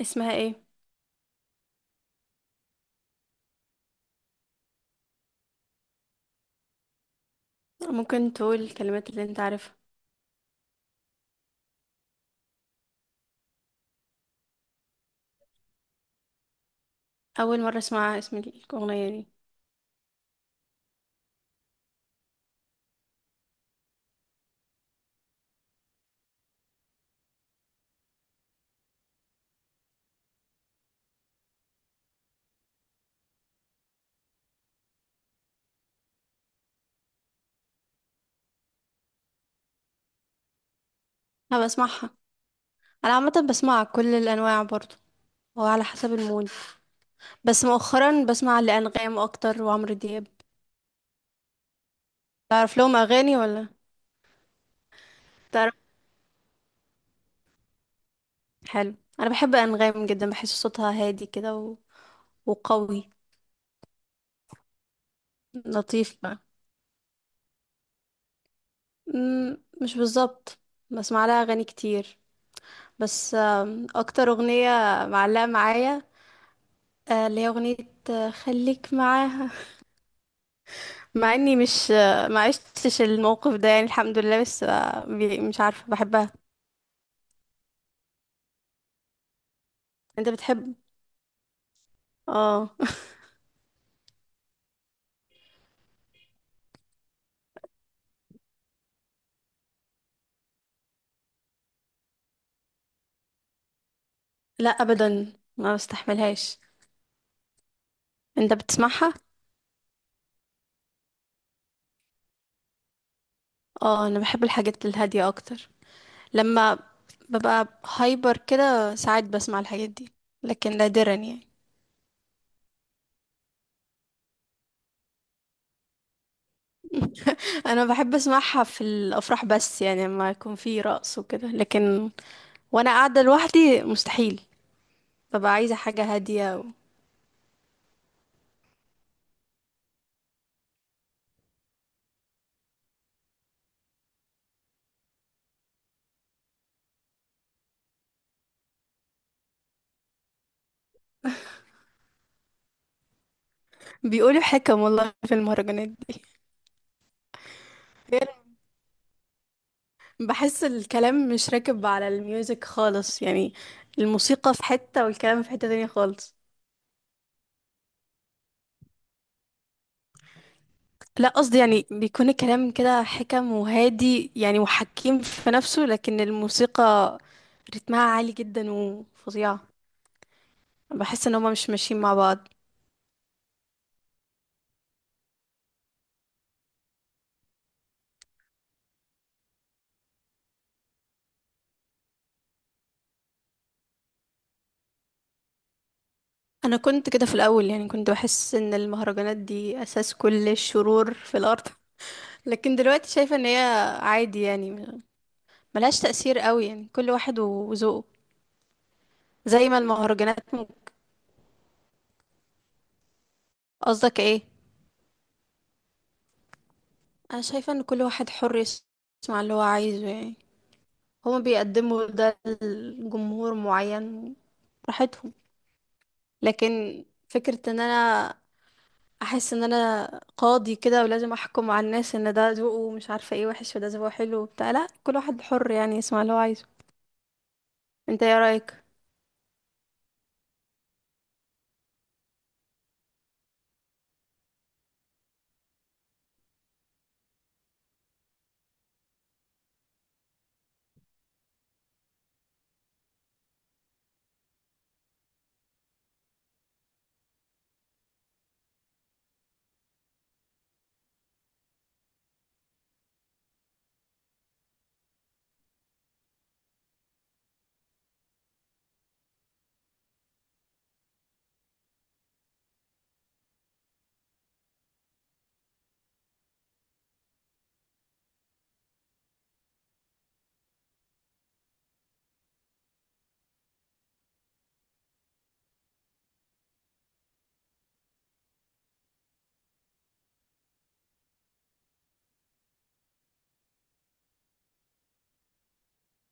اسمها ايه؟ ممكن تقول الكلمات اللي انت عارفها؟ اول مره اسمع اسم الاغنيه دي. انا بسمعها. انا عامه بسمع كل الانواع برضو. هو على حسب المود. بس مؤخرا بسمع لانغام اكتر وعمرو دياب. تعرف لهم اغاني ولا؟ تعرف؟ حلو. انا بحب انغام جدا، بحس صوتها هادي كده وقوي. لطيف بقى. مش بالظبط. بسمع لها اغاني كتير. بس اكتر اغنيه معلقه معايا، اللي هي اغنيه خليك معاها. مع اني مش، ما عشتش الموقف ده، يعني الحمد لله، بس مش عارفة بحبها. انت بتحب؟ اه. لا ابدا ما بستحملهاش. انت بتسمعها؟ اه، انا بحب الحاجات الهادية اكتر. لما ببقى هايبر كده ساعات بسمع الحاجات دي، لكن نادرا يعني. انا بحب اسمعها في الافراح، بس يعني لما يكون في رقص وكده، لكن وانا قاعدة لوحدي مستحيل. ببقى عايزة حاجة هادية. بيقولوا حكم والله في المهرجانات دي. بحس الكلام مش راكب على الميوزك خالص يعني، الموسيقى في حتة والكلام في حتة تانية خالص. لا، قصدي يعني بيكون الكلام كده حكم وهادي يعني وحكيم في نفسه، لكن الموسيقى رتمها عالي جدا وفظيعة. بحس ان هما مش ماشيين مع بعض. انا كنت كده في الاول، يعني كنت بحس ان المهرجانات دي اساس كل الشرور في الارض. لكن دلوقتي شايفة ان هي عادي يعني، ملهاش تأثير قوي، يعني كل واحد وذوقه. زي ما المهرجانات، قصدك ايه؟ انا شايفه ان كل واحد حر يسمع اللي هو عايزه يعني. هما بيقدموا ده لجمهور معين، براحتهم. لكن فكره ان انا احس ان انا قاضي كده ولازم احكم على الناس ان ده ذوقه مش عارفه ايه وحش وده ذوقه حلو وبتاع، لا، كل واحد حر يعني يسمع اللي هو عايزه. انت ايه رايك؟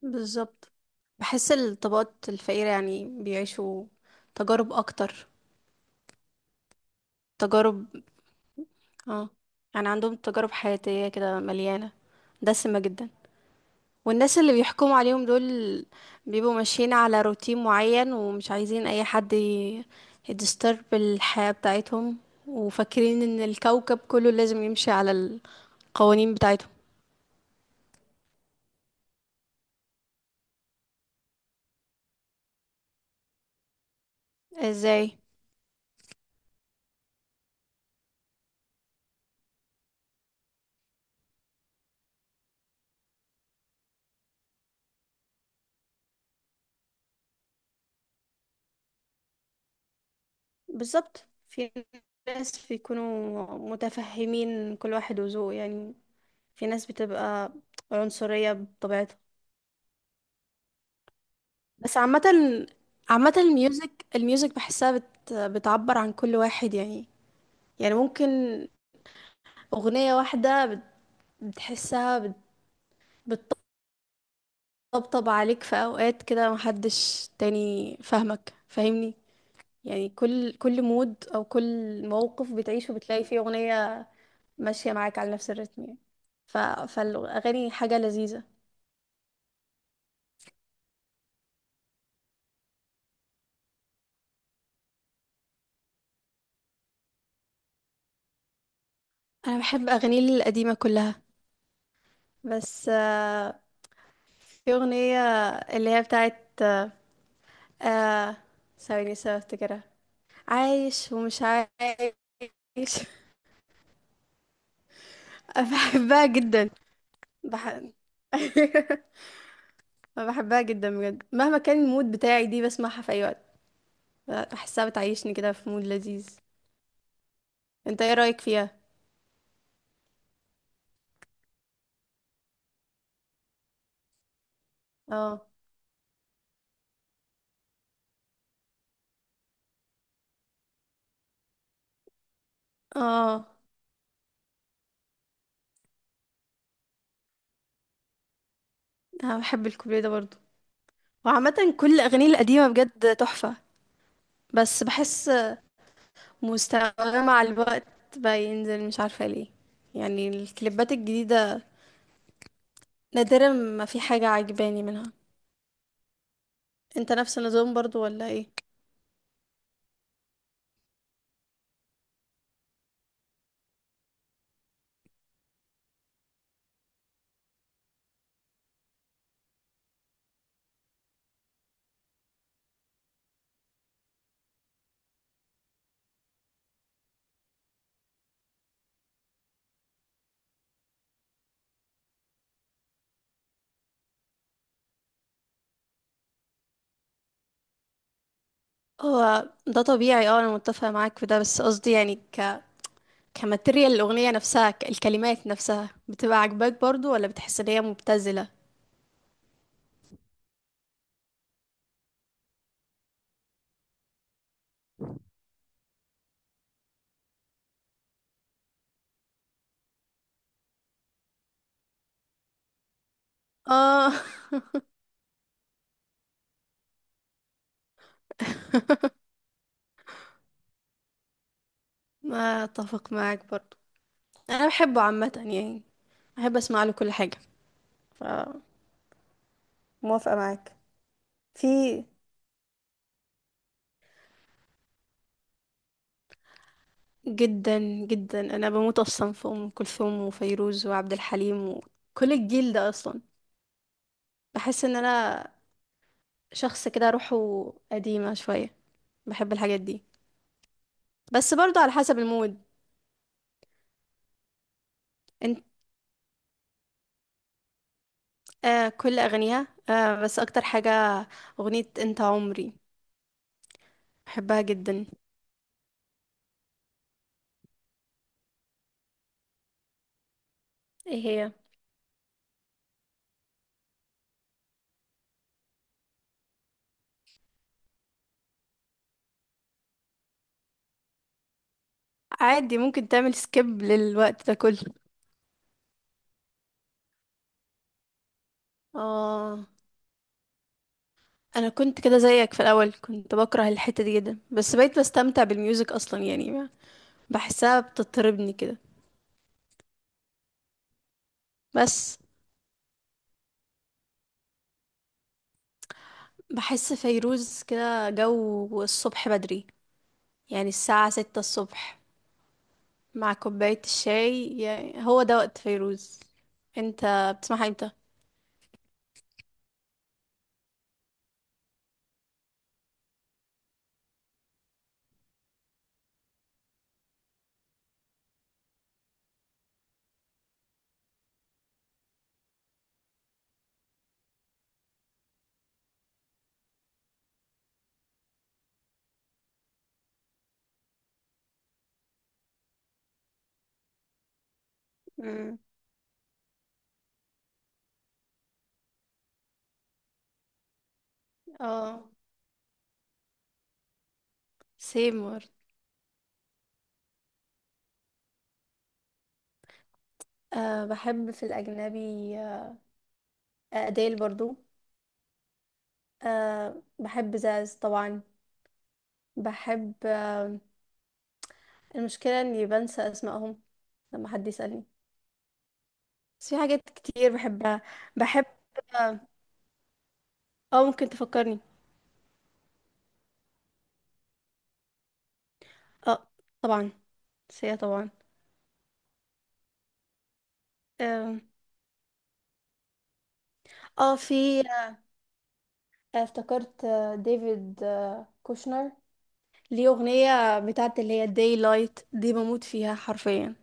بالظبط. بحس الطبقات الفقيره يعني بيعيشوا تجارب اكتر، تجارب. اه. يعني عندهم تجارب حياتيه كده مليانه، دسمه جدا. والناس اللي بيحكموا عليهم دول بيبقوا ماشيين على روتين معين، ومش عايزين اي حد يدسترب الحياة بتاعتهم، وفاكرين ان الكوكب كله لازم يمشي على القوانين بتاعتهم. ازاي؟ بالظبط. في ناس بيكونوا متفهمين كل واحد وذوقه يعني، في ناس بتبقى عنصرية بطبيعتها. بس عامة، عامة الميوزك بحسها بتعبر عن كل واحد يعني. يعني ممكن أغنية واحدة بتحسها بتطبطب عليك في أوقات كده محدش تاني فاهمك فاهمني. يعني كل مود أو كل موقف بتعيشه بتلاقي فيه أغنية ماشية معاك على نفس الريتم يعني. ف... فالأغاني حاجة لذيذة. أنا بحب أغاني القديمة كلها، بس في أغنية اللي هي بتاعت آه ثواني بس افتكرها، عايش ومش عايش. بحبها جدا. بح... أنا بحبها جدا بجد، مهما كان المود بتاعي دي بسمعها في اي وقت. بحسها بتعيشني كده في مود لذيذ. انت ايه رأيك فيها؟ اه، اه، انا بحب الكوبليه ده برضو، وعامة كل الاغاني القديمة بجد تحفة. بس بحس مستواها مع الوقت بقى ينزل، مش عارفة ليه. يعني الكليبات الجديدة نادرا ما في حاجة عجباني منها. انت نفس النظام برضو ولا ايه؟ هو ده طبيعي، اه، انا متفقة معاك في ده، بس قصدي يعني كماتيريال الأغنية نفسها الكلمات نفسها بتبقى عاجباك برضو ولا بتحس إن هي مبتذلة؟ اه. ما اتفق معاك برضو. انا بحبه عامه يعني، بحب اسمع له كل حاجه. ف موافقة معاك. في جدا. جدا، انا بموت اصلا في ام كلثوم وفيروز وعبد الحليم وكل الجيل ده اصلا. بحس ان انا شخص كده روحه قديمه شويه، بحب الحاجات دي. بس برضو على حسب المود. آه، كل أغانيها، بس أكتر حاجة أغنية أنت عمري، بحبها جدا. ايه هي؟ عادي، ممكن تعمل سكيب للوقت ده كله. آه. أنا كنت كده زيك في الأول، كنت بكره الحتة دي جدا، بس بقيت بستمتع بالميوزك أصلا يعني، بحسها بتطربني كده. بس بحس فيروز كده جو الصبح بدري، يعني الساعة 6 الصبح مع كوباية الشاي، يعني هو ده وقت فيروز. انت بتسمعها امتى؟ مم. اه. سيمور. أه، بحب في الأجنبي، أديل برضو، أه بحب زاز طبعا. بحب المشكلة إني بنسى أسمائهم لما حد يسألني، بس في حاجات كتير بحبها. بحب اه، ممكن تفكرني؟ اه، طبعا سيا طبعا. اه، آه، في افتكرت، ديفيد كوشنر، ليه أغنية بتاعت اللي هي داي لايت دي بموت فيها حرفيا.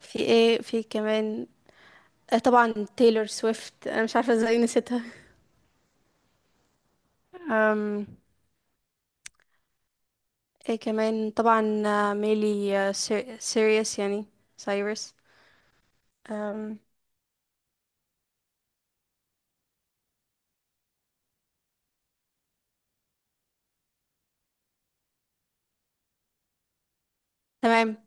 في ايه؟ في كمان، طبعا تايلور سويفت، انا مش عارفه ازاي نسيتها. أم... ايه كمان؟ طبعا ميلي سيريس يعني، سايرس. أم... تمام.